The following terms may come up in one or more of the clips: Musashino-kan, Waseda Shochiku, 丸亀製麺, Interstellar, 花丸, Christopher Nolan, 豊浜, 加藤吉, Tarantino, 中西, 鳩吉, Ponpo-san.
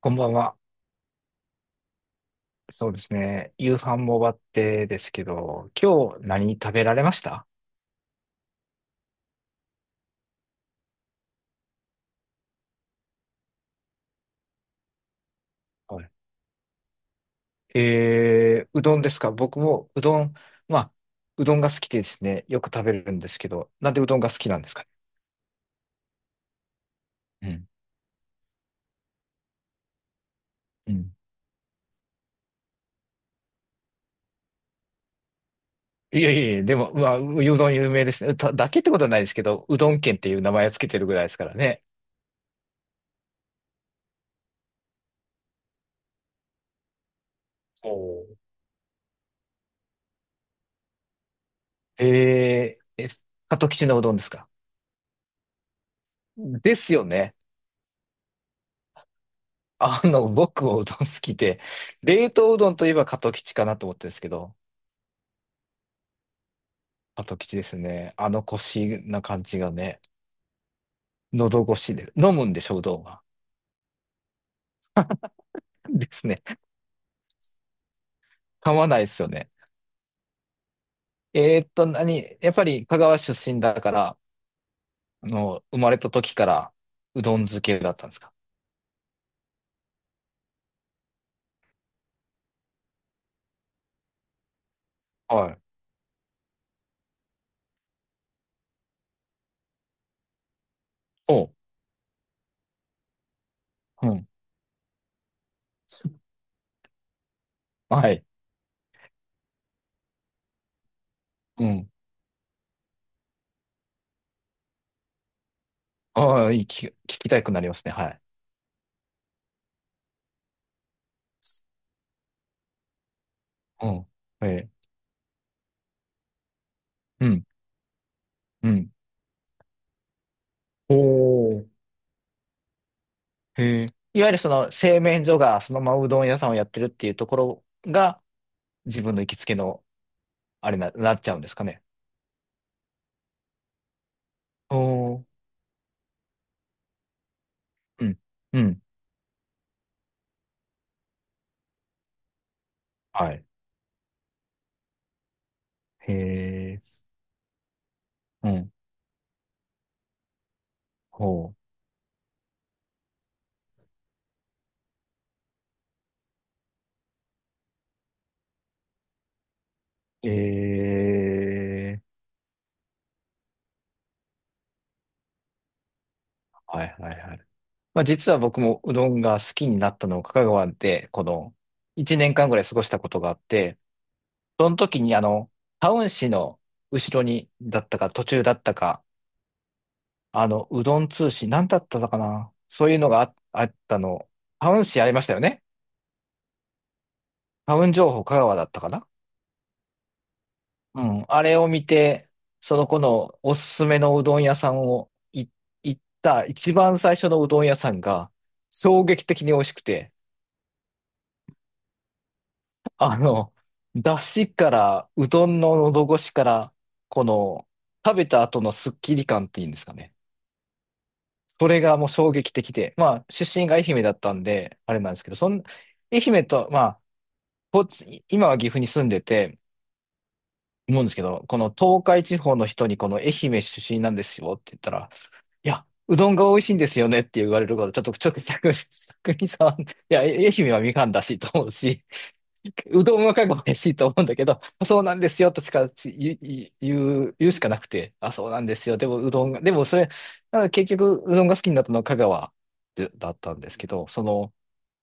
こんばんは。そうですね。夕飯も終わってですけど、今日何食べられました？はい。うどんですか？僕もうどん、まあ、うどんが好きでですね、よく食べるんですけど、なんでうどんが好きなんですかね？うん。うん。いやいやいや、でも、まあ、うどん有名ですね。ただけってことはないですけど、うどん県っていう名前をつけてるぐらいですからね。おー、えー、え、鳩吉のうどんですか？ですよね。僕もうどん好きで、冷凍うどんといえば加藤吉かなと思ったんですけど、加藤吉ですね。腰な感じがね、喉越しで、飲むんでしょ、うどんは。ですね。噛まないですよね。何、やっぱり香川出身だから、生まれた時からうどん漬けだったんですか？はい。おう、うん。はい。うん。ああ、いい聞きたくなりますね。はい。うん。えうん。うん。おー、へえ。いわゆるその製麺所がそのままうどん屋さんをやってるっていうところが自分の行きつけのあれなっちゃうんですかね。おー。うん。うん。はい。へえ。うん。ほう。ええ。はいはいはい。まあ実は僕もうどんが好きになったのを香川でこの1年間ぐらい過ごしたことがあって、その時にタウン市の後ろにだったか途中だったかうどん通信、なんだったのかな、そういうのがあったの。タウン誌ありましたよね。タウン情報香川だったかな。うん。あれを見て、その子のおすすめのうどん屋さんを行った一番最初のうどん屋さんが衝撃的に美味しくて、あの、だしから、うどんの喉越しから、この、食べた後のスッキリ感っていうんですかね。それがもう衝撃的で、まあ、出身が愛媛だったんで、あれなんですけど、愛媛と、まあ、こっち、今は岐阜に住んでて、思うんですけど、この東海地方の人にこの愛媛出身なんですよって言ったら、いや、うどんが美味しいんですよねって言われること、ちょっと、逆に、逆にさ、いや、愛媛はみかんだしと思うし、うどんはかが美味しいと思うんだけど、そうなんですよとしか言うしかなくて、あ、そうなんですよ。でもうどんが、でもそれ、だから結局うどんが好きになったのは香川でだったんですけど、その、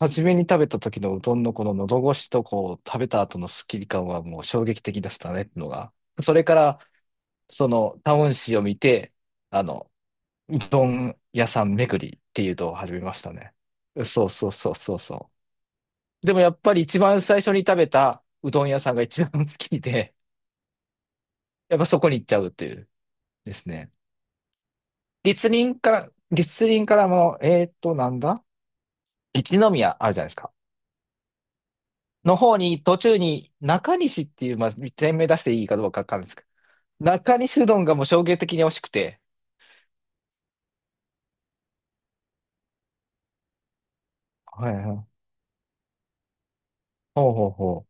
初めに食べた時のうどんのこの喉越しとこう食べた後のスッキリ感はもう衝撃的でしたねっていうのが。それからそのタウン誌を見て、あの、うどん屋さん巡りっていうのを始めましたね。そうそうそうそうそう。でもやっぱり一番最初に食べたうどん屋さんが一番好きで、やっぱそこに行っちゃうっていう、ですね。立林から、立林からも、なんだ、一宮あるじゃないですか。の方に、途中に中西っていう、まあ、店名出していいかどうかわかんないですけど、中西うどんがもう衝撃的に美味しくて。はいはい。ほうほうほ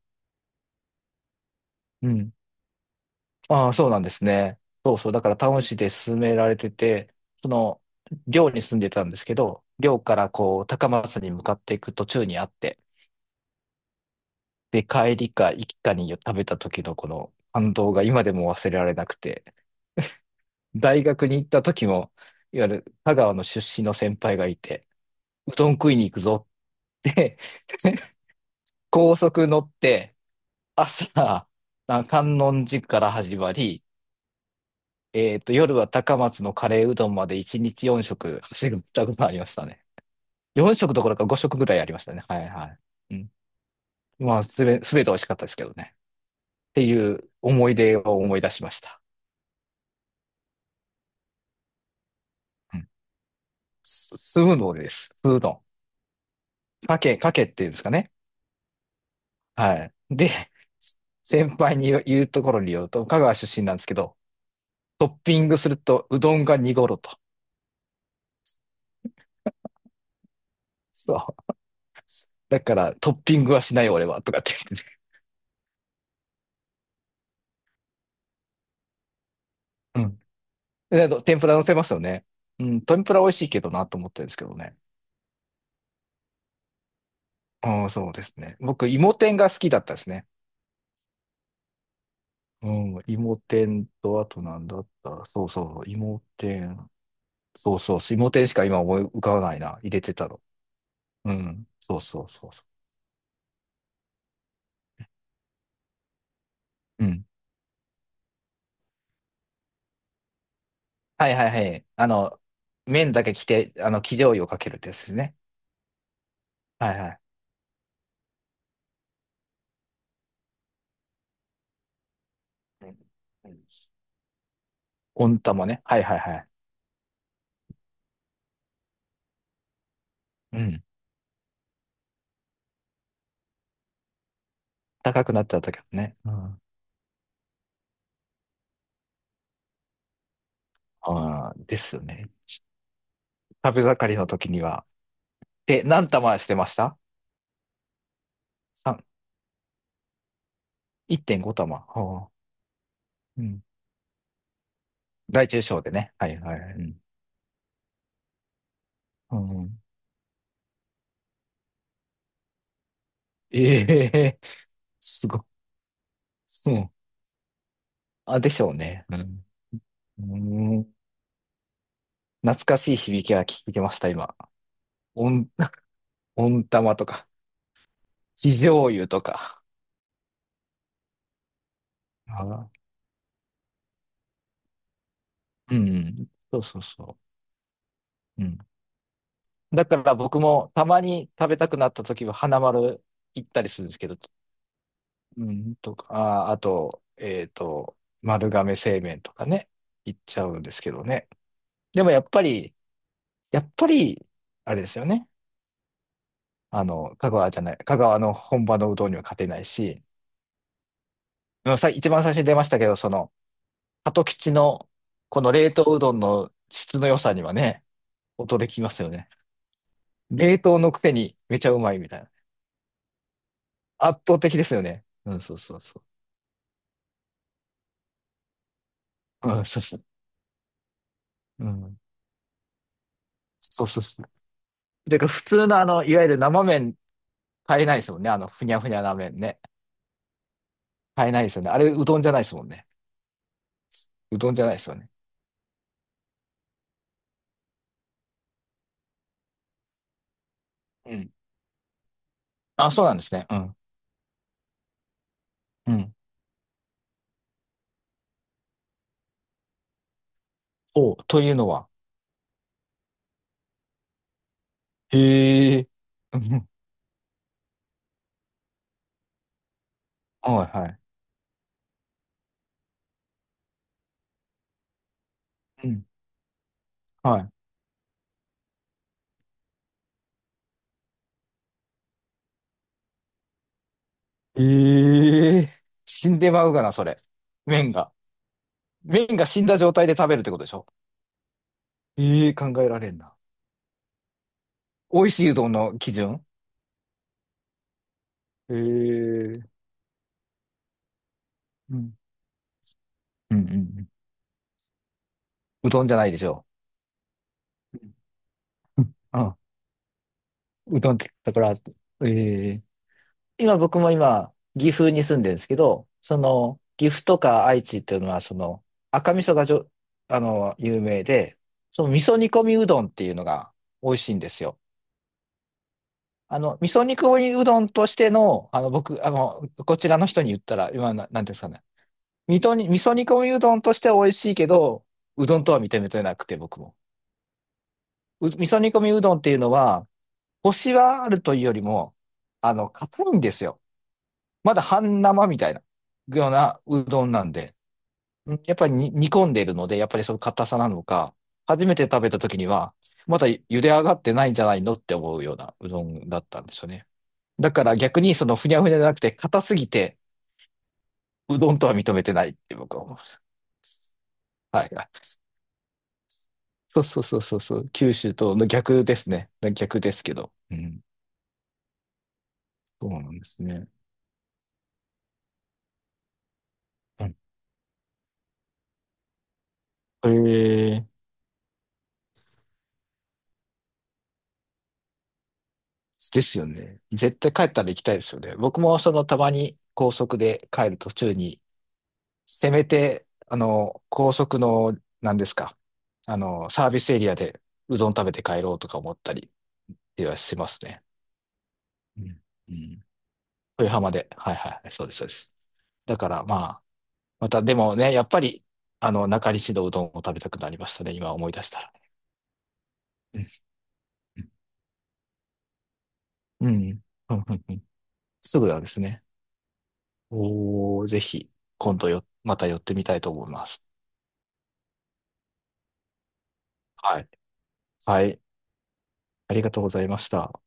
う。うん。ああ、そうなんですね。そうそう。だから、タウン市で勧められてて、その、寮に住んでたんですけど、寮から高松に向かっていく途中にあって、で帰りか行きかに食べた時のこの感動が今でも忘れられなくて、大学に行った時も、いわゆる香川の出身の先輩がいて、うどん食いに行くぞって 高速乗って、朝、観音寺から始まり、夜は高松のカレーうどんまで1日4食走ったことありましたね。4食どころか5食ぐらいありましたね。はいはい。うん、まあ、すべて美味しかったですけどね。っていう思い出を思い出しました。うん、酢うです。酢うどん。かけっていうんですかね。はい。で、先輩に言うところによると、香川出身なんですけど、トッピングするとうどんが濁ると。そう。だからトッピングはしないよ俺は、とかって言ってて。うん。で、あと天ぷら乗せますよね。うん、天ぷら美味しいけどなと思ってるんですけどね。うん、そうですね。僕、芋天が好きだったですね。うん、芋天と、あとなんだった、そうそう、芋天。そうそう、芋天しか今思い浮かばないな。入れてたの。うん。そうそうそうそう。うん。はいはいはい。麺だけ着て、生醤油をかけるってやつですね。はいはい。うんうん、温玉ね。はいはいはい。うん。高くなっちゃったけどね。うん。ああ、ですよね。食べ盛りの時には。で、何玉してました？三1.5玉。はあ、うん。大中小でね。はいはい。はい、うん。うん、ええ。 すごい。うん。あ、でしょうね。うん。うん、懐かしい響きが聞けました、今。温温玉とか、生醤油とか。あ、うん。そうそうそう。うん。だから僕もたまに食べたくなった時は花丸行ったりするんですけど、うん、とか、あ、あと、丸亀製麺とかね、行っちゃうんですけどね。でもやっぱり、あれですよね。香川じゃない、香川の本場のうどんには勝てないし、うんさ、一番最初に出ましたけど、その、鳩吉のこの冷凍うどんの質の良さにはね、音で聞きますよね。冷凍のくせにめちゃうまいみたいな。圧倒的ですよね。うん、そうそうそう。うん、そうそう。うん。そうそうそう。てか、普通のいわゆる生麺買えないですもんね。ふにゃふにゃな麺ね。買えないですよね。あれ、うどんじゃないですもんね。うどんじゃないですよね。うん。あ、そうなんですね。うん。うん。お、というのは。へえ。うん。はいはい。うん。はい。ええ。死んでまうがな、それ。麺が。麺が死んだ状態で食べるってことでしょ？ええ、考えられんな。美味しいうどんの基準、えー、うん。うんうんうん。うどんじゃないでしょう？うん、う。ううどんって言ったから、えー今僕も今、岐阜に住んでるんですけど、その、岐阜とか愛知っていうのは、その、赤味噌が有名で、その味噌煮込みうどんっていうのが美味しいんですよ。味噌煮込みうどんとしての、僕、こちらの人に言ったら、今なんていうんですかね。味噌煮込みうどんとしては美味しいけど、うどんとは認めてなくて、僕も。味噌煮込みうどんっていうのは、コシはあるというよりも、硬いんですよ。まだ半生みたいな、ようなうどんなんで。うん、やっぱりに煮込んでいるので、やっぱりその硬さなのか、初めて食べた時には、まだ茹で上がってないんじゃないのって思うようなうどんだったんですよね。だから逆にそのふにゃふにゃじゃなくて、硬すぎて、うどんとは認めてないって僕は思います。はい。そうそうそうそうそう、九州との逆ですね。逆ですけど。うん。そうなんですね。うん、ですよね。絶対帰ったら行きたいですよね。僕もそのたまに高速で帰る途中に、せめて、高速の、何ですか、サービスエリアでうどん食べて帰ろうとか思ったりはしますね。うん。うん。豊浜で。はいはい。そうです、そうです。だからまあ、またでもね、やっぱり、中西のうどんを食べたくなりましたね。今思い出したら。うん。うんうんうんうん、すぐなんですね。おー、ぜひ、今度よ、また寄ってみたいと思います。はい。はい。ありがとうございました。